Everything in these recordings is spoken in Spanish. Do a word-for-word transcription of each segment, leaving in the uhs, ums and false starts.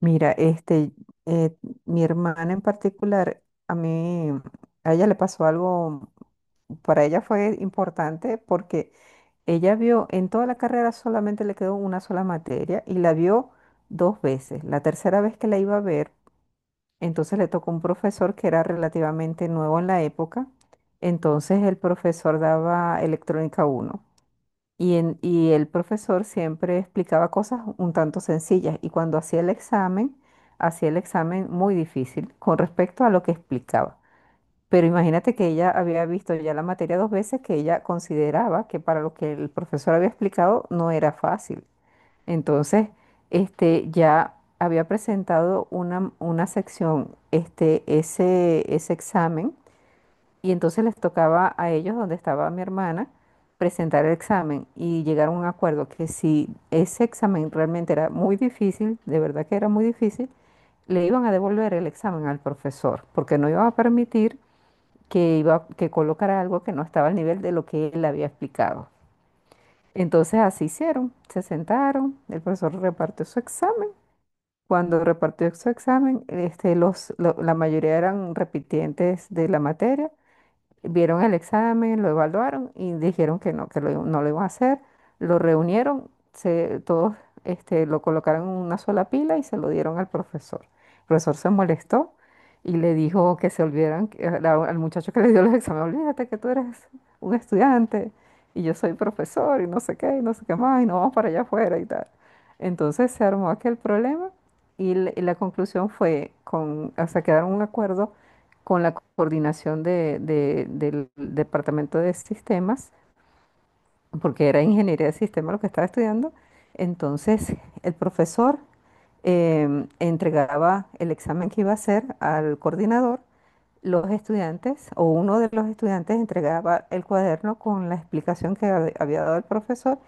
Mira, este, eh, mi hermana en particular, a mí, a ella le pasó algo, para ella fue importante porque ella vio, en toda la carrera solamente le quedó una sola materia y la vio dos veces. La tercera vez que la iba a ver, entonces le tocó un profesor que era relativamente nuevo en la época. Entonces el profesor daba electrónica uno. Y, en- y el profesor siempre explicaba cosas un tanto sencillas y cuando hacía el examen, hacía el examen muy difícil con respecto a lo que explicaba. Pero imagínate que ella había visto ya la materia dos veces que ella consideraba que para lo que el profesor había explicado no era fácil. Entonces, este, ya había presentado una, una sección, este, ese, ese examen y entonces les tocaba a ellos, donde estaba mi hermana, presentar el examen y llegaron a un acuerdo que si ese examen realmente era muy difícil, de verdad que era muy difícil, le iban a devolver el examen al profesor, porque no iba a permitir que, iba, que colocara algo que no estaba al nivel de lo que él había explicado. Entonces así hicieron, se sentaron, el profesor repartió su examen. Cuando repartió su examen, este, los, lo- la mayoría eran repitientes de la materia. Vieron el examen, lo evaluaron y dijeron que no, que lo- no lo iban a hacer. Lo reunieron, se, todos este, lo colocaron en una sola pila y se lo dieron al profesor. El profesor se molestó y le dijo que se olvidaran, que- a- al muchacho que le dio los exámenes, olvídate que tú eres un estudiante y yo soy profesor y no sé qué, y no sé qué más, y no vamos para allá afuera y tal. Entonces se armó aquel problema y, la y la conclusión fue, con, o sea, quedaron un acuerdo con la coordinación de- de- del Departamento de Sistemas, porque era ingeniería de sistemas lo que estaba estudiando. Entonces, el profesor em, entregaba el examen que iba a hacer al coordinador. Los estudiantes o uno de los estudiantes entregaba el cuaderno con la explicación que hab- había dado el profesor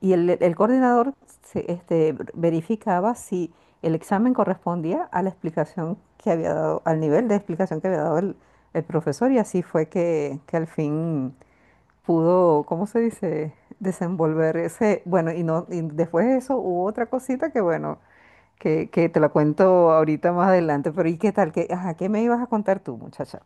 y el, el coordinador se- este, verificaba si el examen correspondía a la explicación que había dado, al nivel de explicación que había dado el, el profesor y así fue que, que al fin pudo, ¿cómo se dice?, desenvolver ese, bueno, y, no, y después de eso hubo otra cosita que, bueno, que, que te la cuento ahorita más adelante, pero ¿y qué tal? ¿Qué, ajá, qué me ibas a contar tú, muchacha?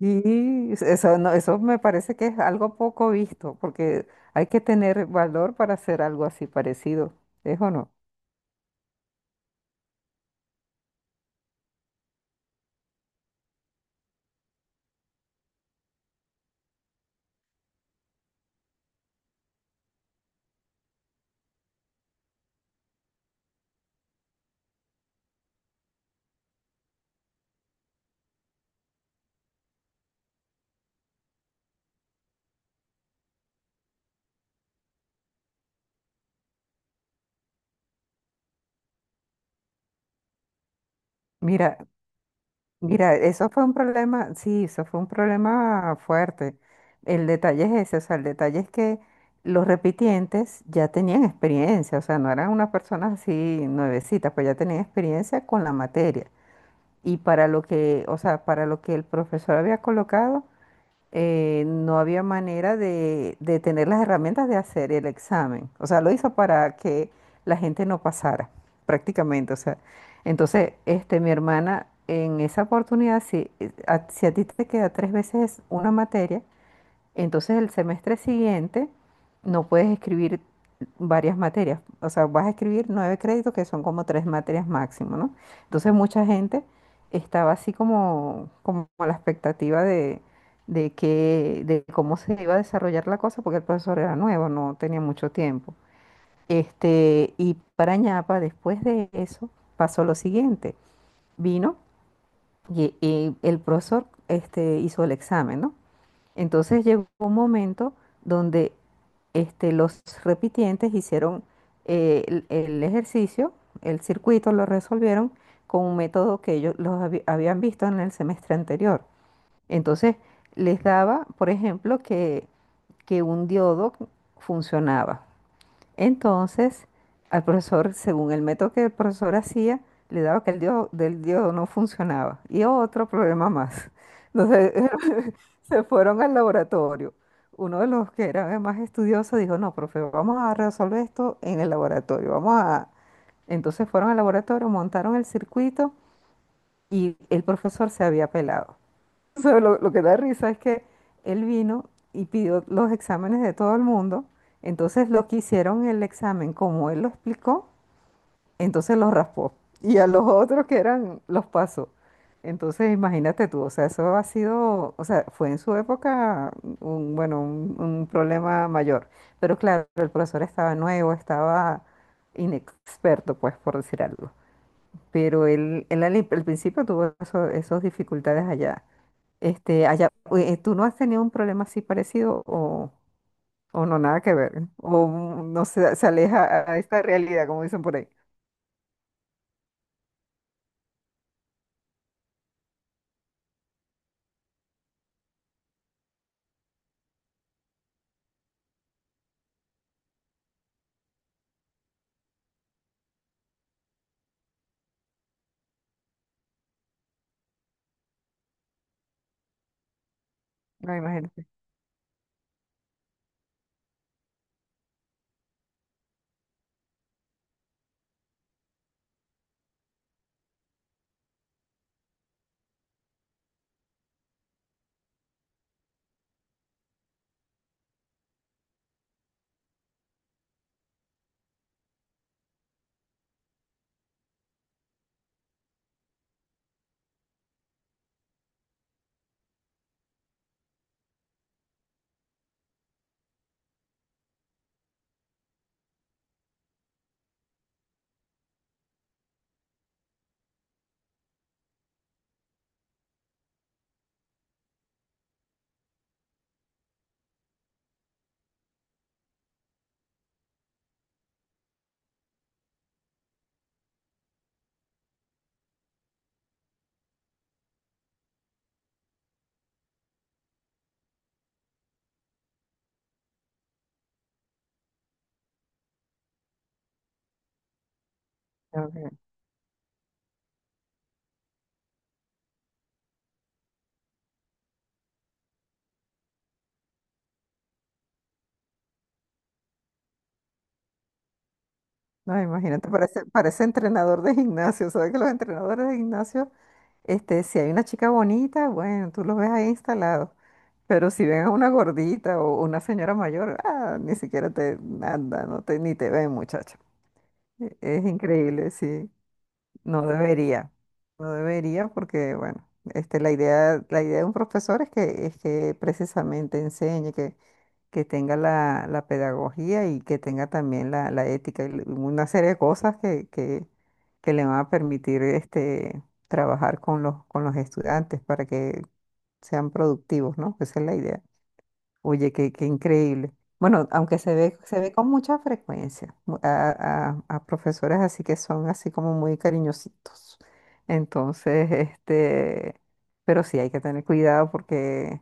Sí, es- eso, no, eso me parece que es algo poco visto, porque hay que tener valor para hacer algo así parecido, ¿es o no? Mira, mira, eso fue un problema, sí, eso fue un problema fuerte. El detalle es ese, o sea, el detalle es que los repitientes ya tenían experiencia, o sea, no eran unas personas así nuevecitas, pues ya tenían experiencia con la materia. Y para lo que, o sea, para lo que el profesor había colocado, eh, no había manera de, de tener las herramientas de hacer el examen. O sea, lo hizo para que la gente no pasara, prácticamente. O sea, entonces, este, mi hermana, en esa oportunidad, si, eh, a, si a ti te queda tres veces una materia, entonces el semestre siguiente no puedes escribir varias materias, o sea, vas a escribir nueve créditos que son como tres materias máximo, ¿no? Entonces mucha gente estaba así como, como a la expectativa de, de que, de cómo se iba a desarrollar la cosa, porque el profesor era nuevo, no tenía mucho tiempo. Este, y para ñapa, después de eso, pasó lo siguiente. Vino y, y el profesor este, hizo el examen, ¿no? Entonces llegó un momento donde este, los repitientes hicieron eh, el, el ejercicio, el circuito lo resolvieron con un método que ellos los habi- habían visto en el semestre anterior. Entonces les daba, por ejemplo, que, que un diodo funcionaba. Entonces, al profesor, según el método que el profesor hacía, le daba que el diodo, del diodo no funcionaba. Y otro problema más. Entonces, se fueron al laboratorio. Uno de los que era más estudioso dijo, no, profe, vamos a resolver esto en el laboratorio. Vamos a... Entonces fueron al laboratorio, montaron el circuito y el profesor se había pelado. sea, lo, lo que da risa es que él vino y pidió los exámenes de todo el mundo, entonces los que hicieron el examen como él lo explicó, entonces los raspó. Y a los otros que eran, los pasó. Entonces imagínate tú, o sea, eso ha sido, o sea, fue en su época un, bueno, un, un problema mayor. Pero claro, el profesor estaba nuevo, estaba inexperto, pues, por decir algo. Pero él, él al, al principio tuvo eso- esas dificultades allá. Este, allá, eh, ¿Tú no has tenido un problema así parecido o, o no, nada que ver? O mm, no se, se aleja a esta realidad, como dicen por ahí. No, imagínate. No, ok. No, imagínate, parece, parece entrenador de gimnasio. ¿Sabes que los entrenadores de gimnasio, este, si hay una chica bonita, bueno, tú lo ves ahí instalado. Pero si ven a una gordita o una señora mayor, ah, ni siquiera te anda, no te, ni te ven, muchacho. E- Es increíble, sí. No debería, no debería porque, bueno, este, la idea, la idea de un profesor es que, es que precisamente enseñe, que, que tenga la, la pedagogía y que tenga también la, la ética y una serie de cosas que, que, que le van a permitir este, trabajar con los, con los estudiantes para que sean productivos, ¿no? Esa es la idea. Oye, qué, qué increíble. Bueno, aunque se ve, se ve con mucha frecuencia mu- a, a- a profesores así que son así como muy cariñositos. Entonces, este, pero sí hay que tener cuidado porque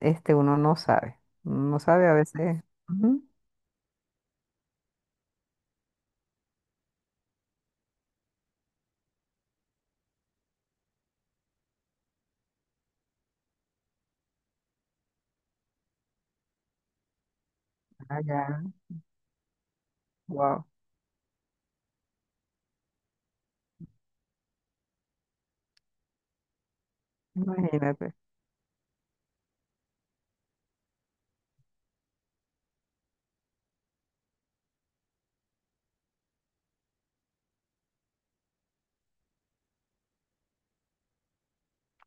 este uno no sabe. Uno no sabe a veces. Ujú. Ah, ya. Wow. Imagínate.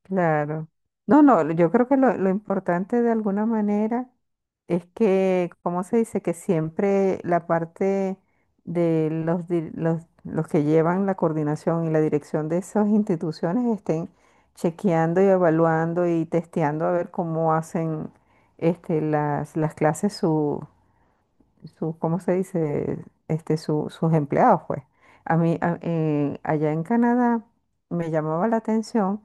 Claro. No, no, yo creo que lo, lo importante de alguna manera es que, ¿cómo se dice? Que siempre la parte de los, di- los, los que llevan la coordinación y la dirección de esas instituciones estén chequeando y evaluando y testeando a ver cómo hacen este, las, las clases su, su, ¿cómo se dice? Este, su- sus empleados, pues. A mí, a- eh, allá en Canadá me llamaba la atención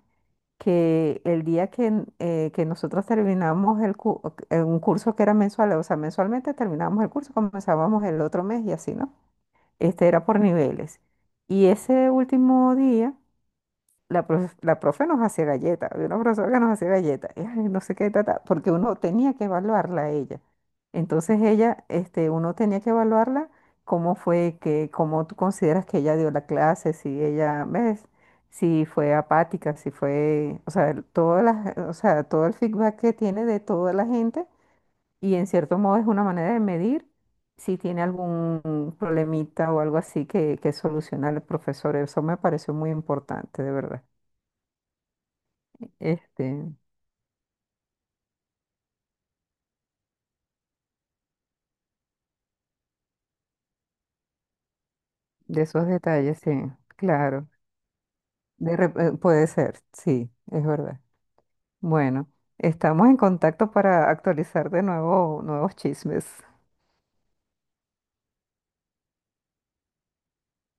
que el día que, eh, que nosotros terminamos el cu- eh, un curso que era mensual, o sea, mensualmente terminábamos el curso, comenzábamos el otro mes y así, ¿no? Este era por niveles. Y ese último día la, prof- la profe nos hacía galletas, había una profesora que nos hacía galletas, y, ay, no sé qué, ta, ta, porque uno tenía que evaluarla a ella. Entonces ella, este, uno tenía que evaluarla cómo fue que, cómo tú consideras que ella dio la clase, si ella, ¿ves? Si fue apática, si fue, o sea, todas las, o sea, todo el feedback que tiene de toda la gente, y en cierto modo es una manera de medir si tiene algún problemita o algo así que, que solucionar el profesor. Eso me pareció muy importante, de verdad. Este, de esos detalles, sí, claro. De rep- eh, puede ser, sí, es verdad. Bueno, estamos en contacto para actualizar de nuevo nuevos chismes.